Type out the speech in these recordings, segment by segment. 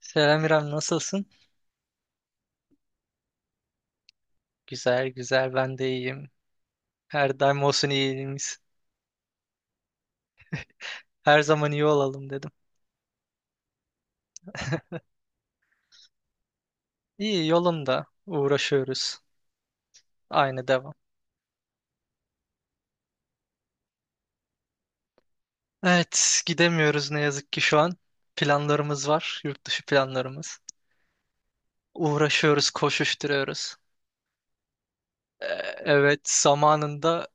Selam İrem, nasılsın? Güzel güzel ben de iyiyim. Her daim olsun iyiliğimiz. Her zaman iyi olalım dedim. İyi yolunda uğraşıyoruz. Aynı devam. Evet gidemiyoruz ne yazık ki şu an. Planlarımız var. Yurt dışı planlarımız. Uğraşıyoruz koşuşturuyoruz. Ee, evet zamanında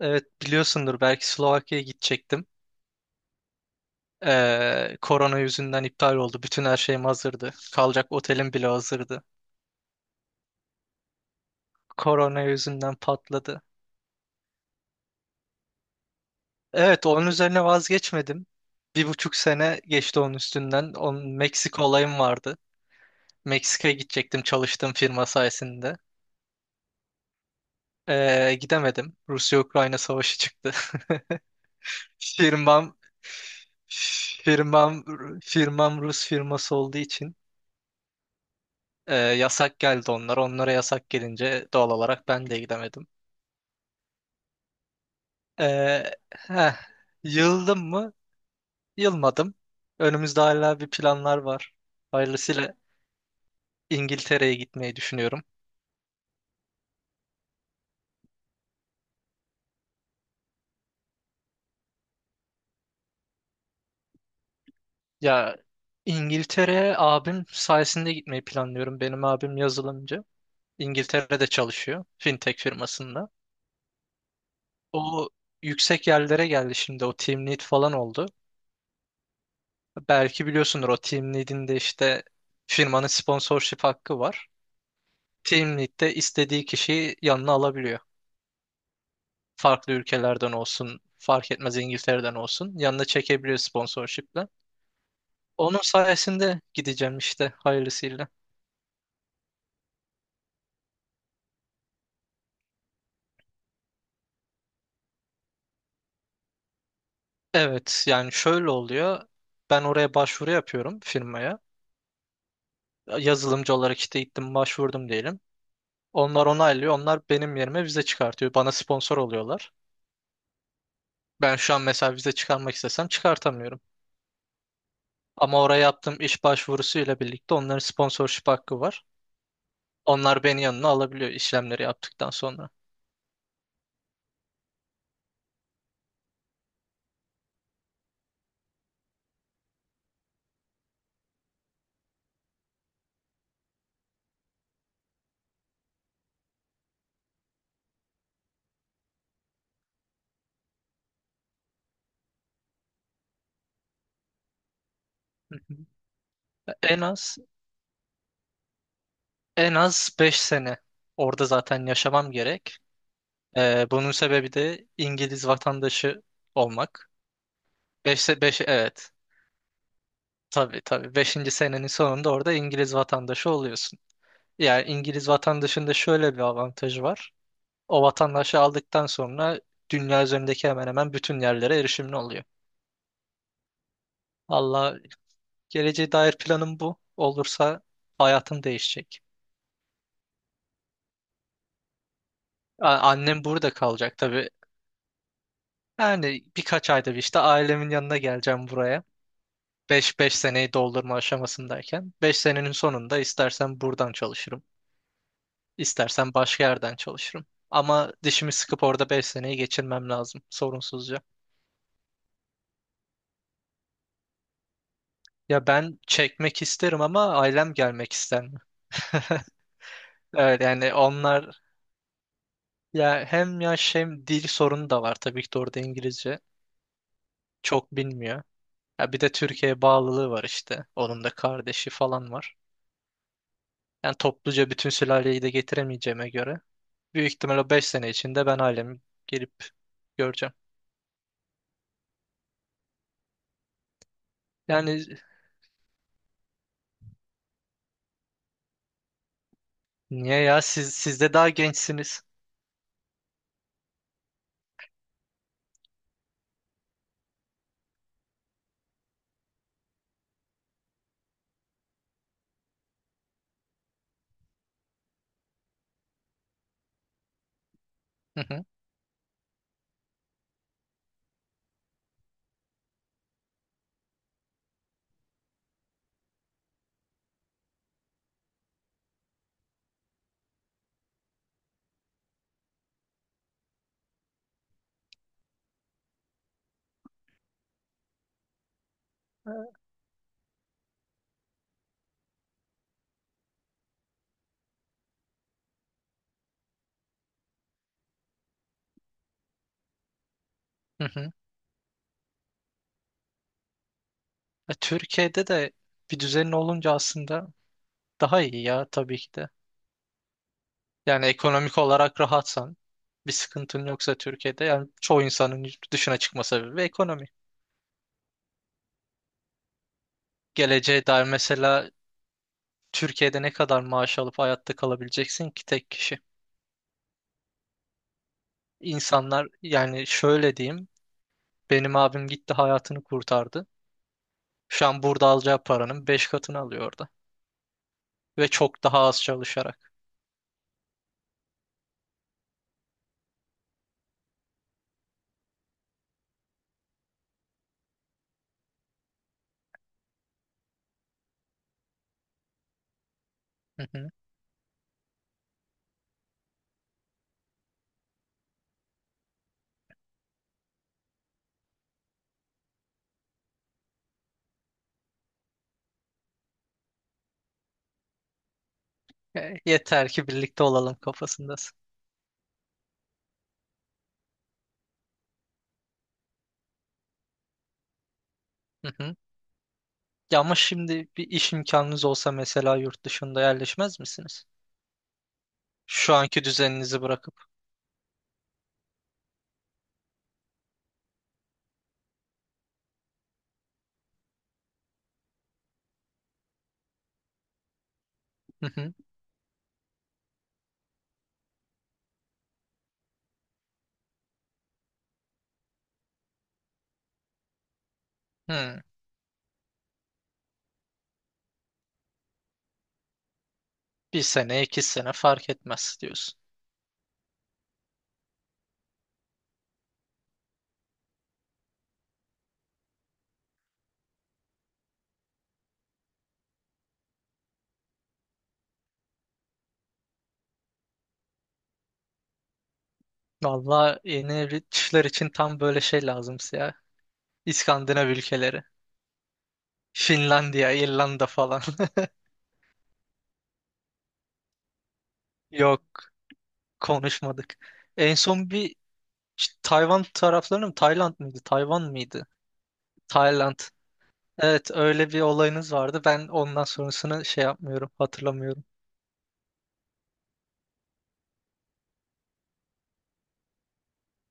evet biliyorsundur belki Slovakya'ya gidecektim. Korona yüzünden iptal oldu. Bütün her şeyim hazırdı. Kalacak otelim bile hazırdı. Korona yüzünden patladı. Evet onun üzerine vazgeçmedim. 1,5 sene geçti onun üstünden. Onun Meksika olayım vardı. Meksika'ya gidecektim çalıştığım firma sayesinde. Gidemedim. Rusya-Ukrayna savaşı çıktı. Firmam firmam firmam Rus firması olduğu için yasak geldi onlar. Onlara yasak gelince doğal olarak ben de gidemedim. E, heh, yıldım mı? Yılmadım. Önümüzde hala bir planlar var. Hayırlısıyla İngiltere'ye gitmeyi düşünüyorum. Ya İngiltere'ye abim sayesinde gitmeyi planlıyorum. Benim abim yazılımcı. İngiltere'de çalışıyor. Fintech firmasında. O yüksek yerlere geldi şimdi. O team lead falan oldu. Belki biliyorsundur o team lead'in de işte firmanın sponsorship hakkı var. Team lead de istediği kişiyi yanına alabiliyor. Farklı ülkelerden olsun, fark etmez İngiltere'den olsun yanına çekebiliyor sponsorship'le. Onun sayesinde gideceğim işte hayırlısıyla. Evet yani şöyle oluyor. Ben oraya başvuru yapıyorum firmaya. Yazılımcı olarak işte gittim başvurdum diyelim. Onlar onaylıyor. Onlar benim yerime vize çıkartıyor. Bana sponsor oluyorlar. Ben şu an mesela vize çıkarmak istesem çıkartamıyorum. Ama oraya yaptığım iş başvurusuyla birlikte onların sponsorship hakkı var. Onlar beni yanına alabiliyor işlemleri yaptıktan sonra. Hı hı. En az En az 5 sene orada zaten yaşamam gerek. Bunun sebebi de İngiliz vatandaşı olmak. 5, 5, evet. Tabii tabii. Beşinci senenin sonunda orada İngiliz vatandaşı oluyorsun. Yani İngiliz vatandaşında şöyle bir avantajı var. O vatandaşı aldıktan sonra dünya üzerindeki hemen hemen bütün yerlere erişimli oluyor. Allah geleceğe dair planım bu. Olursa hayatım değişecek. Annem burada kalacak tabii. Yani birkaç ayda bir işte ailemin yanına geleceğim buraya. 5-5 seneyi doldurma aşamasındayken 5 senenin sonunda istersen buradan çalışırım, istersen başka yerden çalışırım. Ama dişimi sıkıp orada 5 seneyi geçirmem lazım sorunsuzca. Ya ben çekmek isterim ama ailem gelmek ister mi? Evet yani onlar ya hem yaş hem dil sorunu da var tabii ki de orada İngilizce çok bilmiyor. Ya bir de Türkiye'ye bağlılığı var işte. Onun da kardeşi falan var. Yani topluca bütün sülaleyi de getiremeyeceğime göre büyük ihtimal o 5 sene içinde ben ailemi gelip göreceğim. Yani niye ya siz de daha gençsiniz. Hı hı, hı hı. Türkiye'de de bir düzenin olunca aslında daha iyi ya tabii ki de. Yani ekonomik olarak rahatsan bir sıkıntın yoksa Türkiye'de yani çoğu insanın yurt dışına çıkma sebebi ekonomi. Geleceğe dair mesela Türkiye'de ne kadar maaş alıp hayatta kalabileceksin ki tek kişi? İnsanlar yani şöyle diyeyim benim abim gitti hayatını kurtardı. Şu an burada alacağı paranın 5 katını alıyor orada. Ve çok daha az çalışarak. Hı hı. Yeter ki birlikte olalım kafasındasın. Hı hı. Ya ama şimdi bir iş imkanınız olsa mesela yurt dışında yerleşmez misiniz? Şu anki düzeninizi bırakıp. Hı hı. Hı. Bir sene, iki sene fark etmez diyorsun. Valla yeni evli çiftler için tam böyle şey lazım ya. İskandinav ülkeleri. Finlandiya, İrlanda falan. Yok konuşmadık. En son bir işte Tayvan taraflarına mı? Tayland mıydı? Tayvan mıydı? Tayland. Evet öyle bir olayınız vardı. Ben ondan sonrasını şey yapmıyorum. Hatırlamıyorum.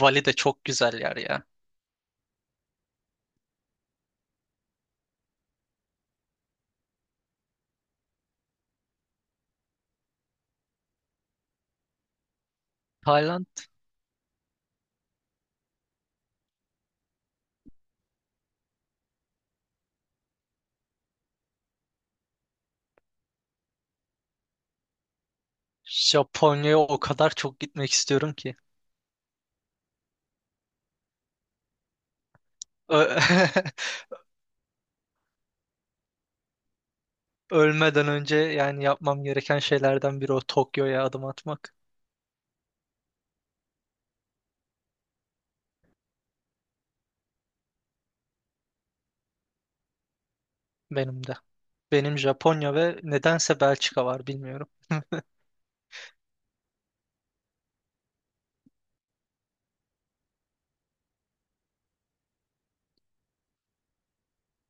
Bali de çok güzel yer ya. Tayland, Japonya'ya o kadar çok gitmek istiyorum ki. Ö- Ölmeden önce yani yapmam gereken şeylerden biri o Tokyo'ya adım atmak. Benim de. Benim Japonya ve nedense Belçika var bilmiyorum.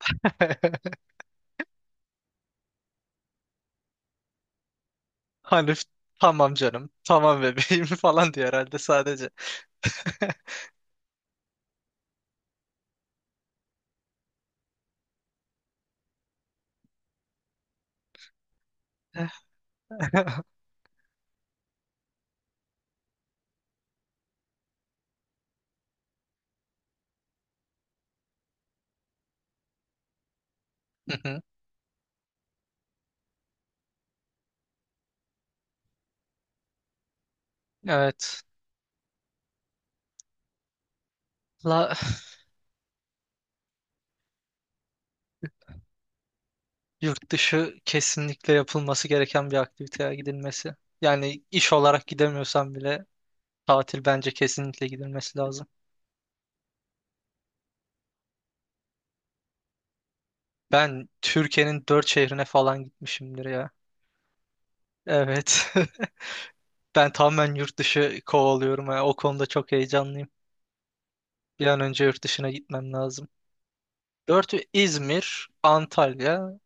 Hani tamam canım, tamam bebeğim falan diyor herhalde sadece. Hı hı. Evet. La, yurt dışı kesinlikle yapılması gereken bir aktiviteye gidilmesi. Yani iş olarak gidemiyorsan bile tatil bence kesinlikle gidilmesi lazım. Ben Türkiye'nin dört şehrine falan gitmişimdir ya. Evet. Ben tamamen yurt dışı kovalıyorum ya. O konuda çok heyecanlıyım. Bir an önce yurt dışına gitmem lazım. Dört: İzmir, Antalya,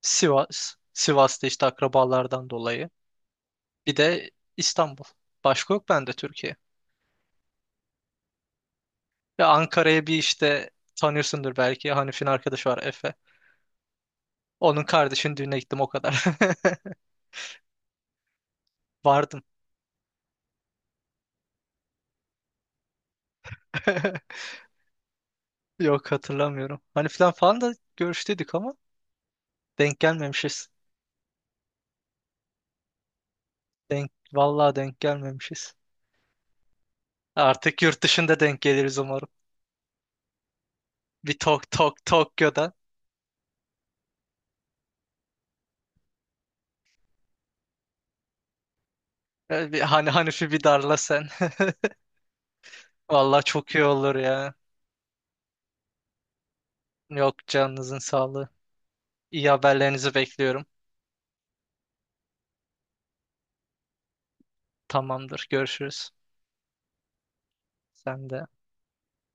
Sivas. Sivas'ta işte akrabalardan dolayı. Bir de İstanbul. Başka yok bende Türkiye. Ve Ankara'ya bir işte tanıyorsundur belki. Hanif'in arkadaşı var Efe. Onun kardeşinin düğüne gittim o kadar. Vardım. Yok hatırlamıyorum. Hanif'ten falan falan da görüştüydük ama denk gelmemişiz. Vallahi denk gelmemişiz. Artık yurt dışında denk geliriz umarım. Bir tok tok Tokyo'da. Hani Hanifi bir darla sen. Vallahi çok iyi olur ya. Yok canınızın sağlığı. İyi haberlerinizi bekliyorum. Tamamdır. Görüşürüz. Sen de.